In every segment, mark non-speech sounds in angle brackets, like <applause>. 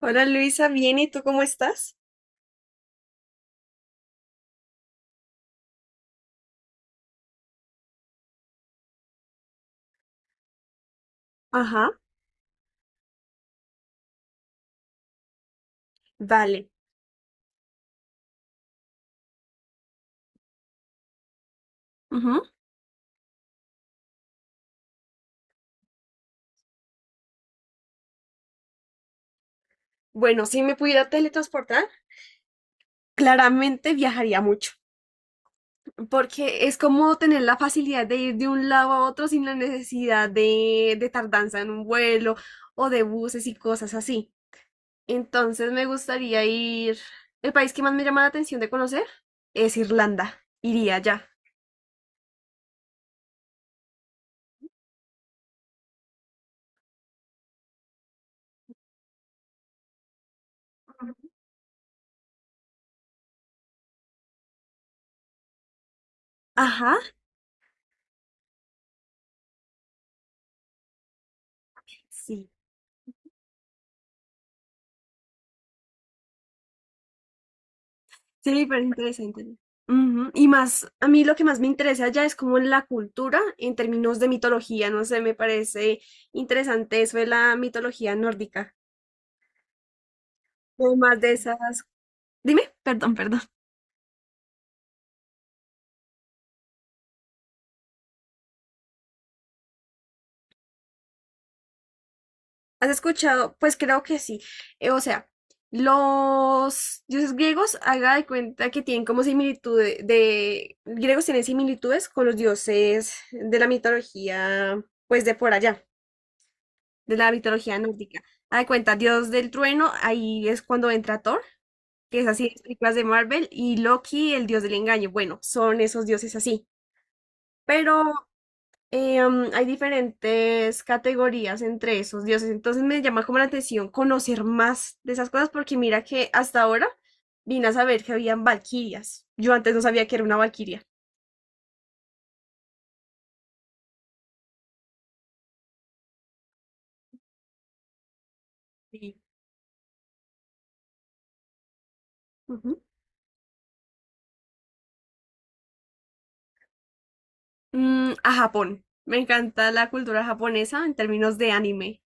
Hola Luisa, bien, ¿y tú cómo estás? Ajá. Vale. Ujú. Bueno, si me pudiera teletransportar, claramente viajaría mucho, porque es como tener la facilidad de ir de un lado a otro sin la necesidad de tardanza en un vuelo o de buses y cosas así. Entonces me gustaría ir. El país que más me llama la atención de conocer es Irlanda. Iría allá. Ajá, sí. Sí, me parece interesante. Ujú. Y más, a mí lo que más me interesa ya es como la cultura en términos de mitología, no sé, me parece interesante eso de la mitología nórdica, como más de esas. Dime, perdón, perdón. ¿Has escuchado? Pues creo que sí. O sea, los dioses griegos, haga de cuenta que tienen como similitudes, de griegos tienen similitudes con los dioses de la mitología, pues de por allá. De la mitología nórdica. Haz de cuenta, Dios del trueno, ahí es cuando entra Thor, que es así en las películas de Marvel, y Loki, el dios del engaño. Bueno, son esos dioses así. Pero hay diferentes categorías entre esos dioses. Entonces me llama como la atención conocer más de esas cosas, porque mira que hasta ahora vine a saber que habían valquirias. Yo antes no sabía que era una valquiria. Sí. Ujú. A Japón. Me encanta la cultura japonesa en términos de anime.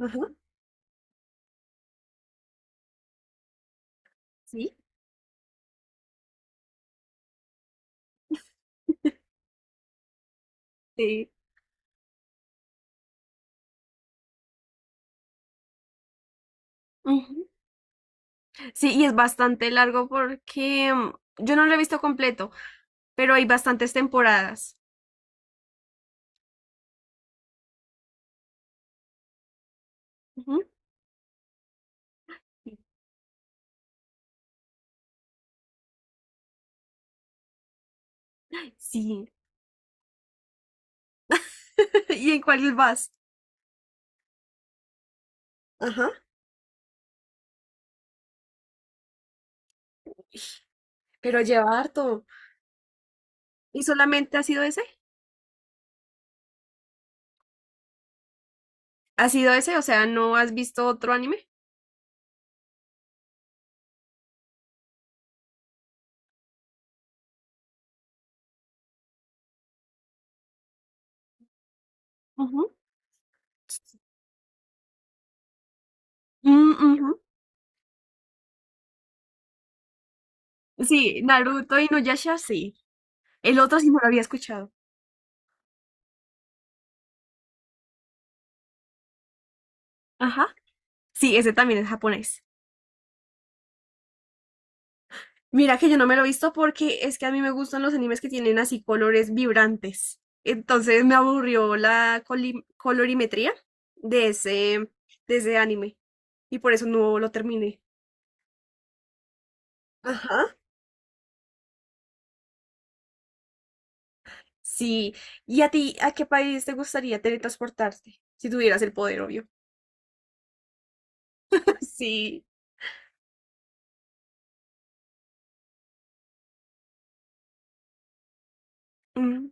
Ajá. ¿Sí? Sí. Ujú. Sí, y es bastante largo porque yo no lo he visto completo, pero hay bastantes temporadas. Ujú. Sí. <laughs> ¿Y en cuál vas? Ajá. Pero lleva harto. ¿Y solamente ha sido ese? ¿Ha sido ese? O sea, ¿no has visto otro anime? Ujú. Mm, ujú. Sí, Naruto y Nuyasha, sí. El otro sí no lo había escuchado. Ajá. Sí, ese también es japonés. Mira que yo no me lo he visto porque es que a mí me gustan los animes que tienen así colores vibrantes. Entonces me aburrió la coli- colorimetría de ese, de ese anime y por eso no lo terminé. Ajá. Sí. ¿Y a ti, a qué país te gustaría teletransportarte? Si tuvieras el poder, obvio. <laughs> Sí. Mm.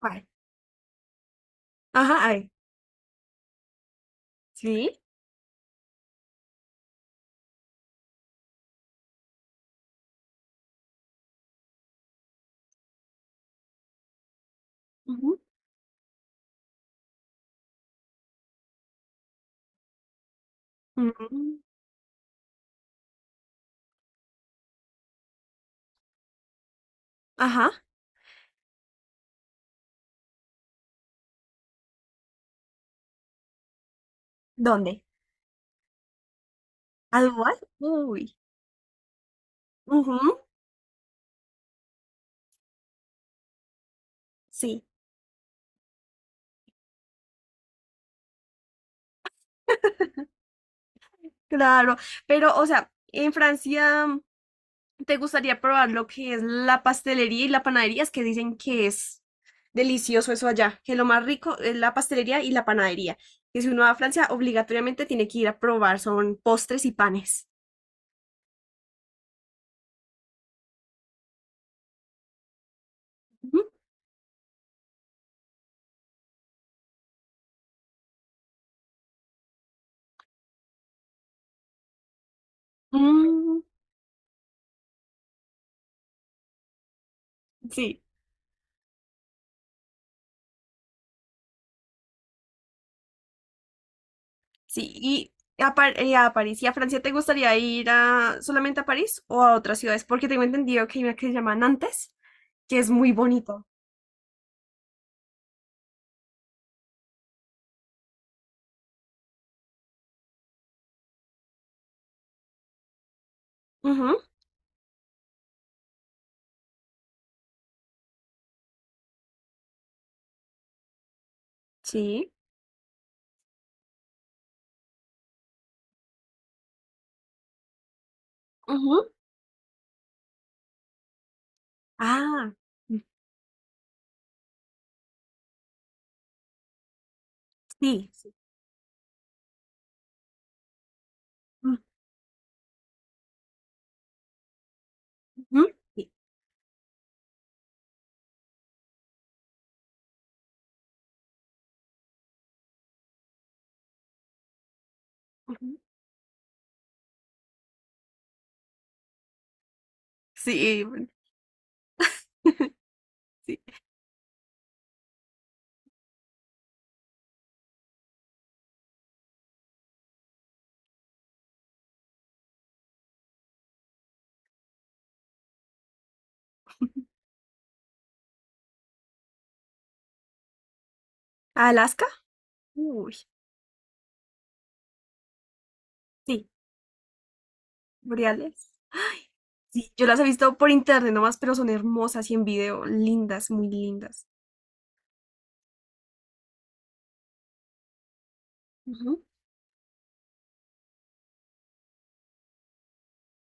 ¿Cuál? Ajá, ay. Sí. Ujú. Mm. Ajá. ¿Dónde? ¿Al lugar? Uy. Ujú. Sí. Claro, pero o sea, en Francia te gustaría probar lo que es la pastelería y la panadería, es que dicen que es delicioso eso allá, que lo más rico es la pastelería y la panadería. Que si uno va a Francia, obligatoriamente tiene que ir a probar, son postres y panes. Ujú. Mm, sí, sí. ¿Y a, Par- a París y a Francia te gustaría ir a, solamente a París o a otras ciudades? Porque tengo entendido que hay una que se llama Nantes, que es muy bonito. Ujú. Sí. Ujú. Ah. Sí, sí. Ujú, sí. Ujú. Sí, bueno, sí. ¿Alaska? Uy, sí. Boreales. Sí, yo las he visto por internet nomás, pero son hermosas y en video, lindas, muy lindas. Ujú,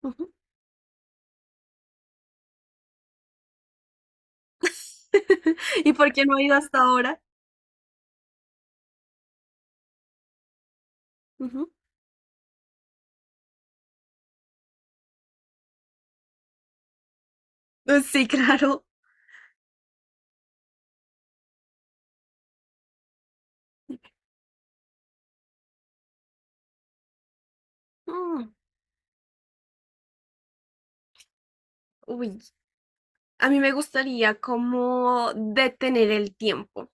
ujú. <laughs> ¿Y por qué no he ido hasta ahora? Ujú. Sí, claro. Mm. Uy, a mí me gustaría como detener el tiempo.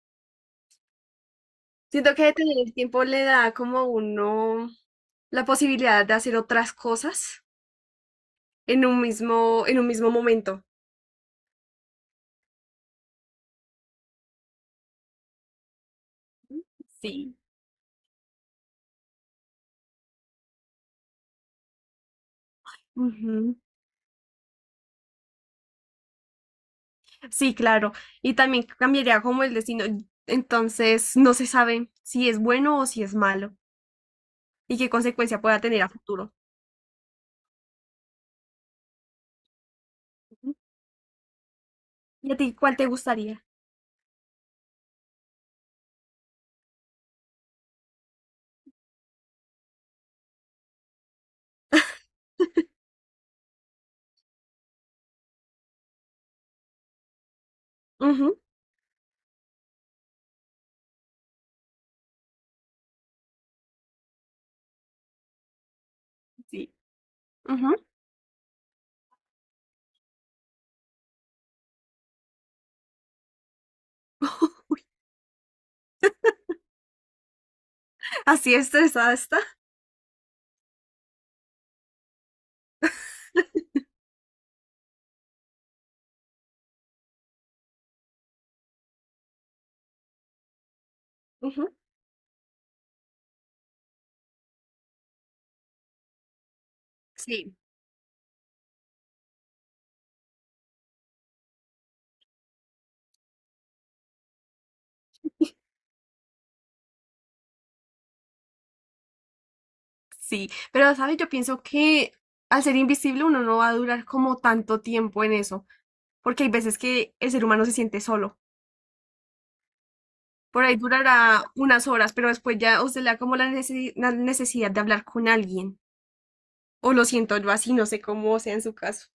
Siento que detener el tiempo le da como a uno la posibilidad de hacer otras cosas en un mismo momento. Sí. Ujú. Sí, claro. Y también cambiaría como el destino. Entonces, no se sabe si es bueno o si es malo y qué consecuencia pueda tener a futuro. Ujú. ¿Y a ti cuál te gustaría? Ujú. Sí. Ujú. Así estresada está. Ujú. Sí. Sí, pero sabes, yo pienso que al ser invisible uno no va a durar como tanto tiempo en eso, porque hay veces que el ser humano se siente solo. Por ahí durará unas horas, pero después ya os le da como la necesi- la necesidad de hablar con alguien. O lo siento yo así, no sé cómo sea en su caso.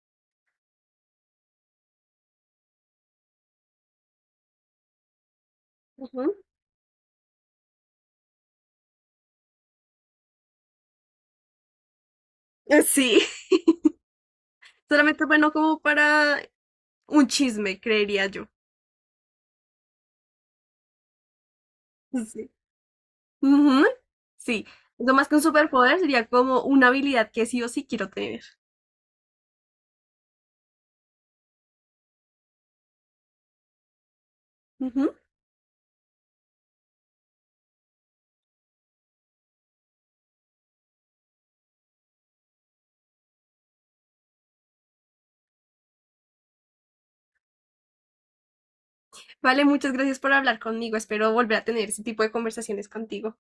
Ujú. Sí, <laughs> solamente bueno como para un chisme, creería yo. Sí. Ujú. Sí, lo más que un superpoder sería como una habilidad que sí o sí quiero tener. Ujú. Vale, muchas gracias por hablar conmigo. Espero volver a tener ese tipo de conversaciones contigo.